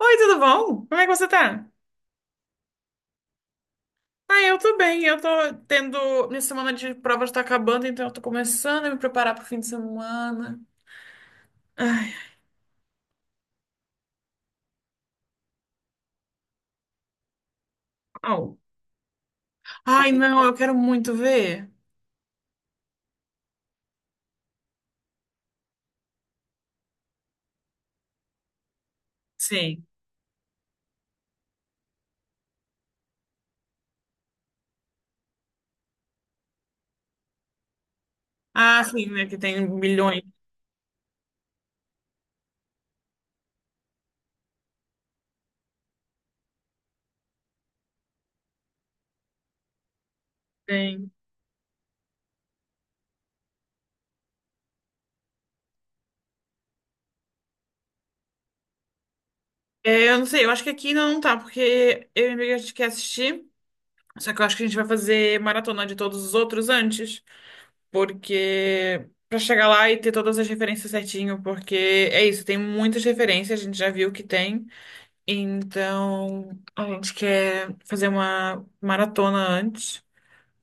Oi, tudo bom? Como é que você tá? Ah, eu tô bem. Eu tô tendo. Minha semana de provas tá acabando, então eu tô começando a me preparar pro fim de semana. Ah, au. Ai, não, eu quero muito ver. Sim. Ah, sim, né? Que tem milhões. Tem. É, eu não sei, eu acho que aqui ainda não tá, porque eu e minha amiga a gente quer assistir. Só que eu acho que a gente vai fazer maratona de todos os outros antes. Porque. Pra chegar lá e ter todas as referências certinho, porque é isso, tem muitas referências, a gente já viu que tem. Então, a gente quer fazer uma maratona antes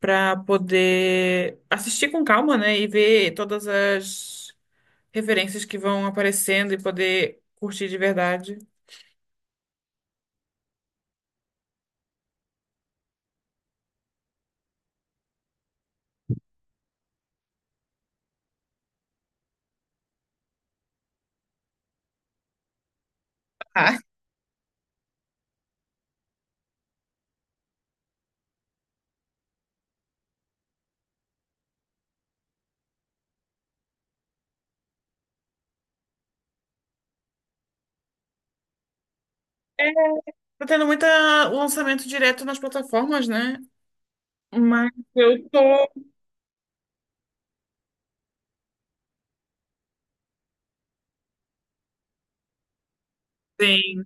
para poder assistir com calma, né? E ver todas as referências que vão aparecendo e poder curtir de verdade. Ah, é, tá tendo muito lançamento direto nas plataformas, né? Mas eu tô. Sim.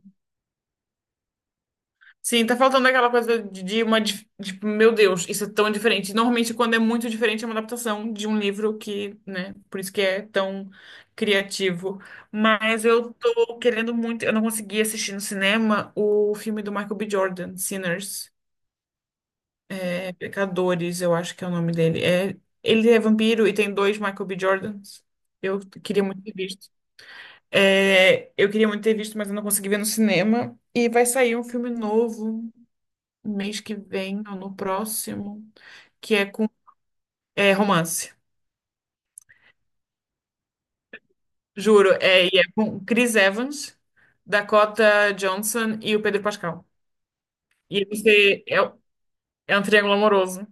Sim, tá faltando aquela coisa de tipo, meu Deus, isso é tão diferente. Normalmente, quando é muito diferente, é uma adaptação de um livro que, né, por isso que é tão criativo. Mas eu tô querendo muito. Eu não consegui assistir no cinema o filme do Michael B. Jordan, Sinners, é, Pecadores, eu acho que é o nome dele. É, ele é vampiro e tem dois Michael B. Jordans. Eu queria muito ter visto. É, eu queria muito ter visto, mas eu não consegui ver no cinema. E vai sair um filme novo mês que vem ou no próximo, que é com, é romance. Juro, é, e é com Chris Evans, Dakota Johnson e o Pedro Pascal. E você é um triângulo amoroso.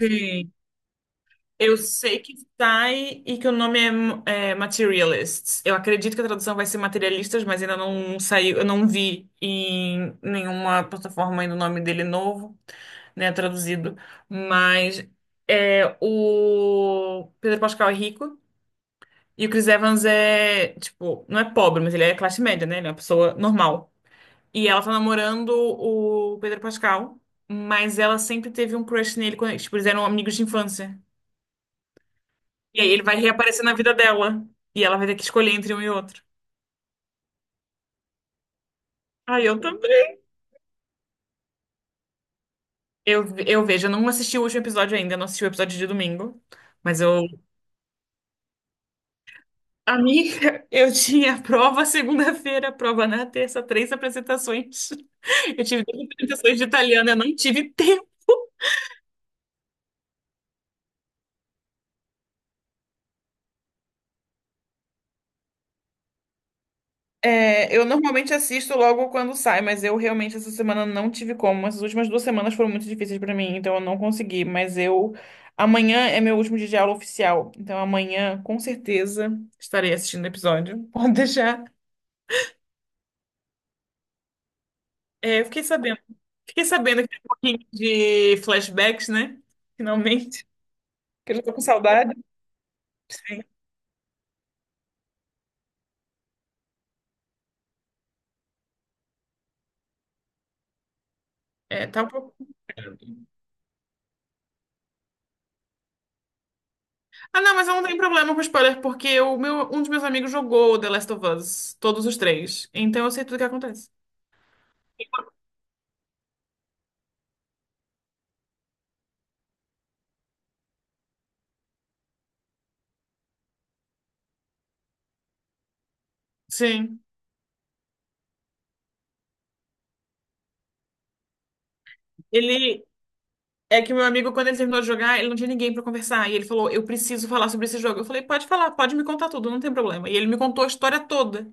Sim, eu sei que sai e que o nome é Materialists. Eu acredito que a tradução vai ser Materialistas, mas ainda não saiu, eu não vi em nenhuma plataforma ainda o nome dele novo, né, traduzido. Mas é, o Pedro Pascal é rico e o Chris Evans é, tipo, não é pobre, mas ele é classe média, né? Ele é uma pessoa normal. E ela tá namorando o Pedro Pascal, mas ela sempre teve um crush nele, quando, tipo, eles eram amigos de infância. E aí ele vai reaparecer na vida dela. E ela vai ter que escolher entre um e outro. Ah, eu também. Eu vejo, eu não assisti o último episódio ainda, eu não assisti o episódio de domingo. Mas eu. Amiga, eu tinha prova segunda-feira, prova na terça, três apresentações. Eu tive três apresentações de italiano, eu não tive tempo. É, eu normalmente assisto logo quando sai, mas eu realmente essa semana não tive como. Essas últimas duas semanas foram muito difíceis pra mim, então eu não consegui. Mas eu. Amanhã é meu último dia de aula oficial, então amanhã com certeza estarei assistindo o episódio. Pode deixar. É, eu fiquei sabendo. Fiquei sabendo que tem um pouquinho de flashbacks, né? Finalmente. Que eu já tô com saudade. Sim. É, tá um pouco. Ah, não, mas eu não tenho problema com spoiler, porque o meu, um dos meus amigos jogou The Last of Us, todos os três. Então eu sei tudo o que acontece. Sim. Ele. É que meu amigo, quando ele terminou de jogar, ele não tinha ninguém pra conversar. E ele falou: eu preciso falar sobre esse jogo. Eu falei: pode falar, pode me contar tudo, não tem problema. E ele me contou a história toda.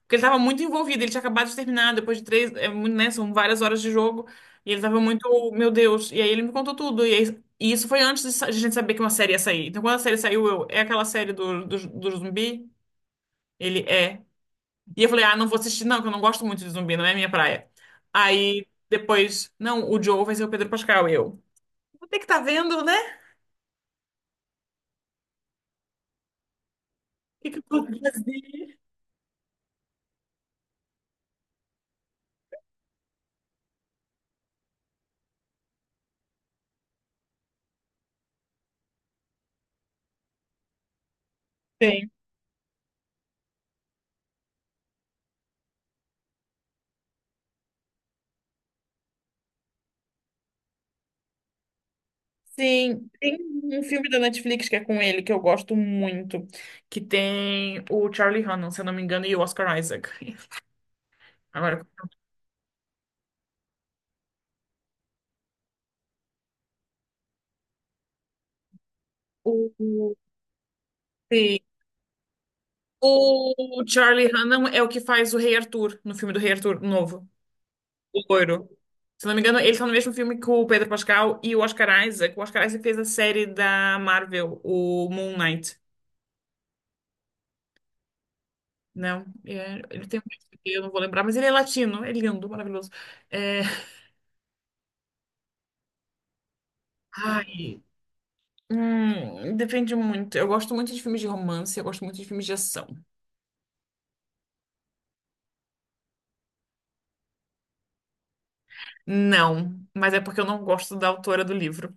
Porque ele tava muito envolvido, ele tinha acabado de terminar, depois de três, é, né, são várias horas de jogo. E ele tava muito, meu Deus. E aí ele me contou tudo. E isso foi antes de, de a gente saber que uma série ia sair. Então quando a série saiu, eu: é aquela série do zumbi? Ele é. E eu falei: ah, não vou assistir, não, que eu não gosto muito de zumbi, não é minha praia. Aí depois, não, o Joe vai ser o Pedro Pascal, eu. Tem que estar vendo, né? O que que eu posso fazer? Tem. Sim, tem um filme da Netflix que é com ele, que eu gosto muito, que tem o Charlie Hunnam, se eu não me engano, e o Oscar Isaac. Agora, o, o- sim. O Charlie Hunnam é o que faz o Rei Arthur, no filme do Rei Arthur novo, o loiro. Se eu não me engano, ele tá no mesmo filme que o Pedro Pascal e o Oscar Isaac. O Oscar Isaac fez a série da Marvel, o Moon Knight. Não, é, ele tem um nome que eu não vou lembrar, mas ele é latino, é lindo, maravilhoso. É, ai, depende muito. Eu gosto muito de filmes de romance, eu gosto muito de filmes de ação. Não, mas é porque eu não gosto da autora do livro.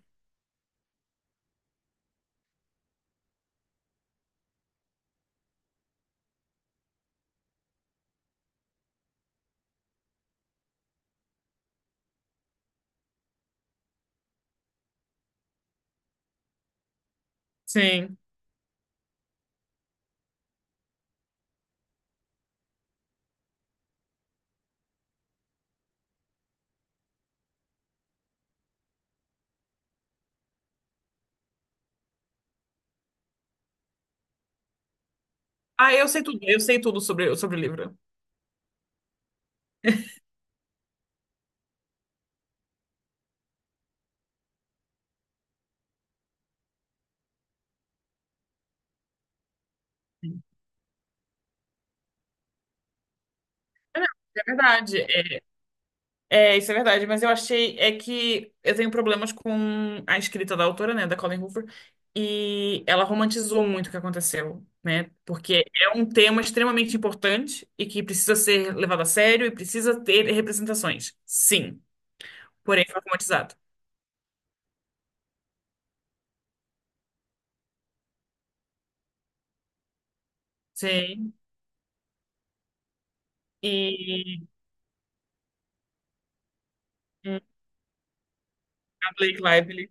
Sim. Ah, eu sei tudo sobre o livro. É verdade. É, isso é verdade, mas eu achei é que eu tenho problemas com a escrita da autora, né, da Colleen Hoover, e ela romantizou muito o que aconteceu, né? Porque é um tema extremamente importante e que precisa ser levado a sério e precisa ter representações. Sim, porém foi romantizado. Sim. E hum, a Blake Lively.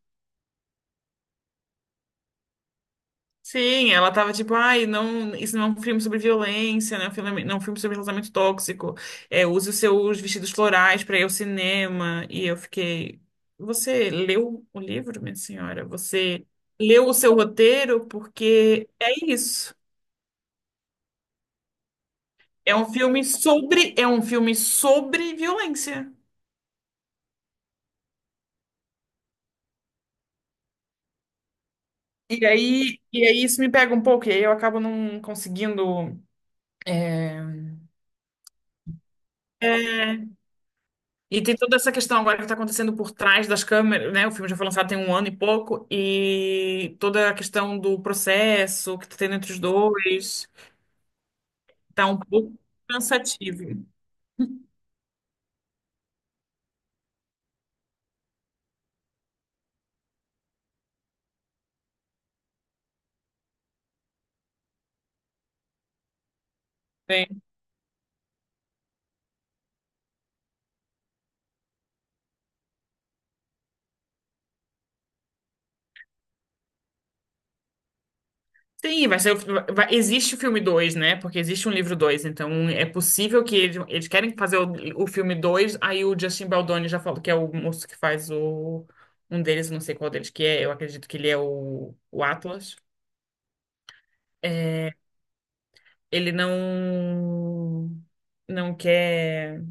Sim, ela tava tipo, ai, não, isso não é um filme sobre violência, né? Um filme, não é um filme sobre relacionamento tóxico. É, use os seus vestidos florais para ir ao cinema. E eu fiquei, você leu o livro, minha senhora? Você leu o seu roteiro? Porque é isso. É um filme sobre, é um filme sobre violência. E aí isso me pega um pouco, e aí eu acabo não conseguindo. eh, E tem toda essa questão agora que está acontecendo por trás das câmeras, né? O filme já foi lançado tem um ano e pouco, e toda a questão do processo que está tendo entre os dois tá um pouco cansativo, né? Sim, vai ser, existe o filme dois, né? Porque existe um livro dois, então é possível que eles, querem fazer o filme dois, aí o Justin Baldoni já falou, que é o moço que faz, o um deles, não sei qual deles que é, eu acredito que ele é o Atlas. Ele não não quer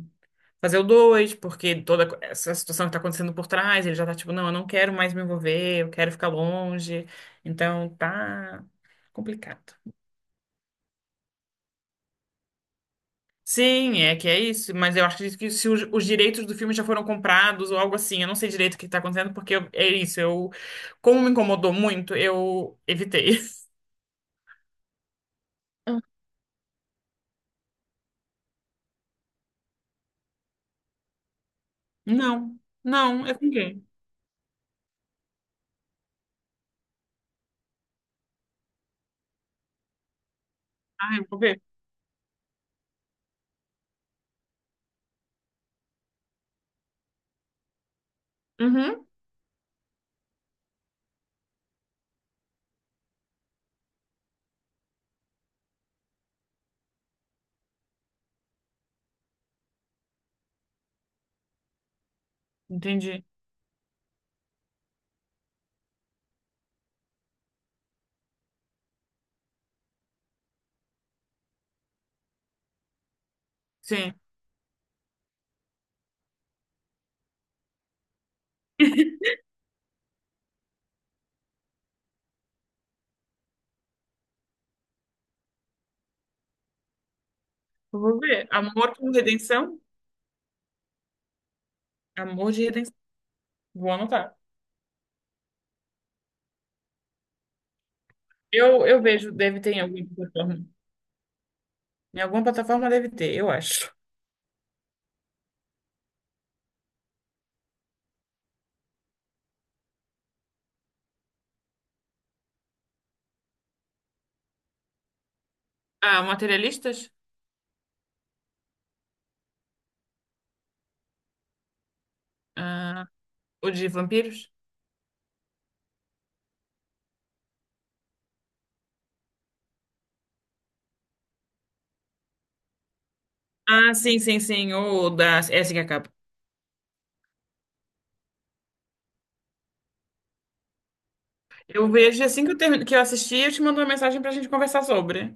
fazer o dois, porque toda essa situação que tá acontecendo por trás, ele já tá tipo, não, eu não quero mais me envolver, eu quero ficar longe. Então tá complicado. Sim, é que é isso, mas eu acho que se os direitos do filme já foram comprados ou algo assim, eu não sei direito o que tá acontecendo, porque é isso, eu, como me incomodou muito, eu evitei. Não, não, é com quem? Ah, eu vou ver. Uhum, entendi. Sim. Eu vou ver. Amor com redenção? Amor de redenção. Vou anotar. Eu vejo, deve ter em alguma plataforma. Em alguma plataforma deve ter, eu acho. Ah, materialistas? Ah, o de vampiros? Ah, sim, sim, sim. O da. Essa que acaba. Eu vejo assim que eu, termino, que eu assistir, eu te mando uma mensagem pra gente conversar sobre.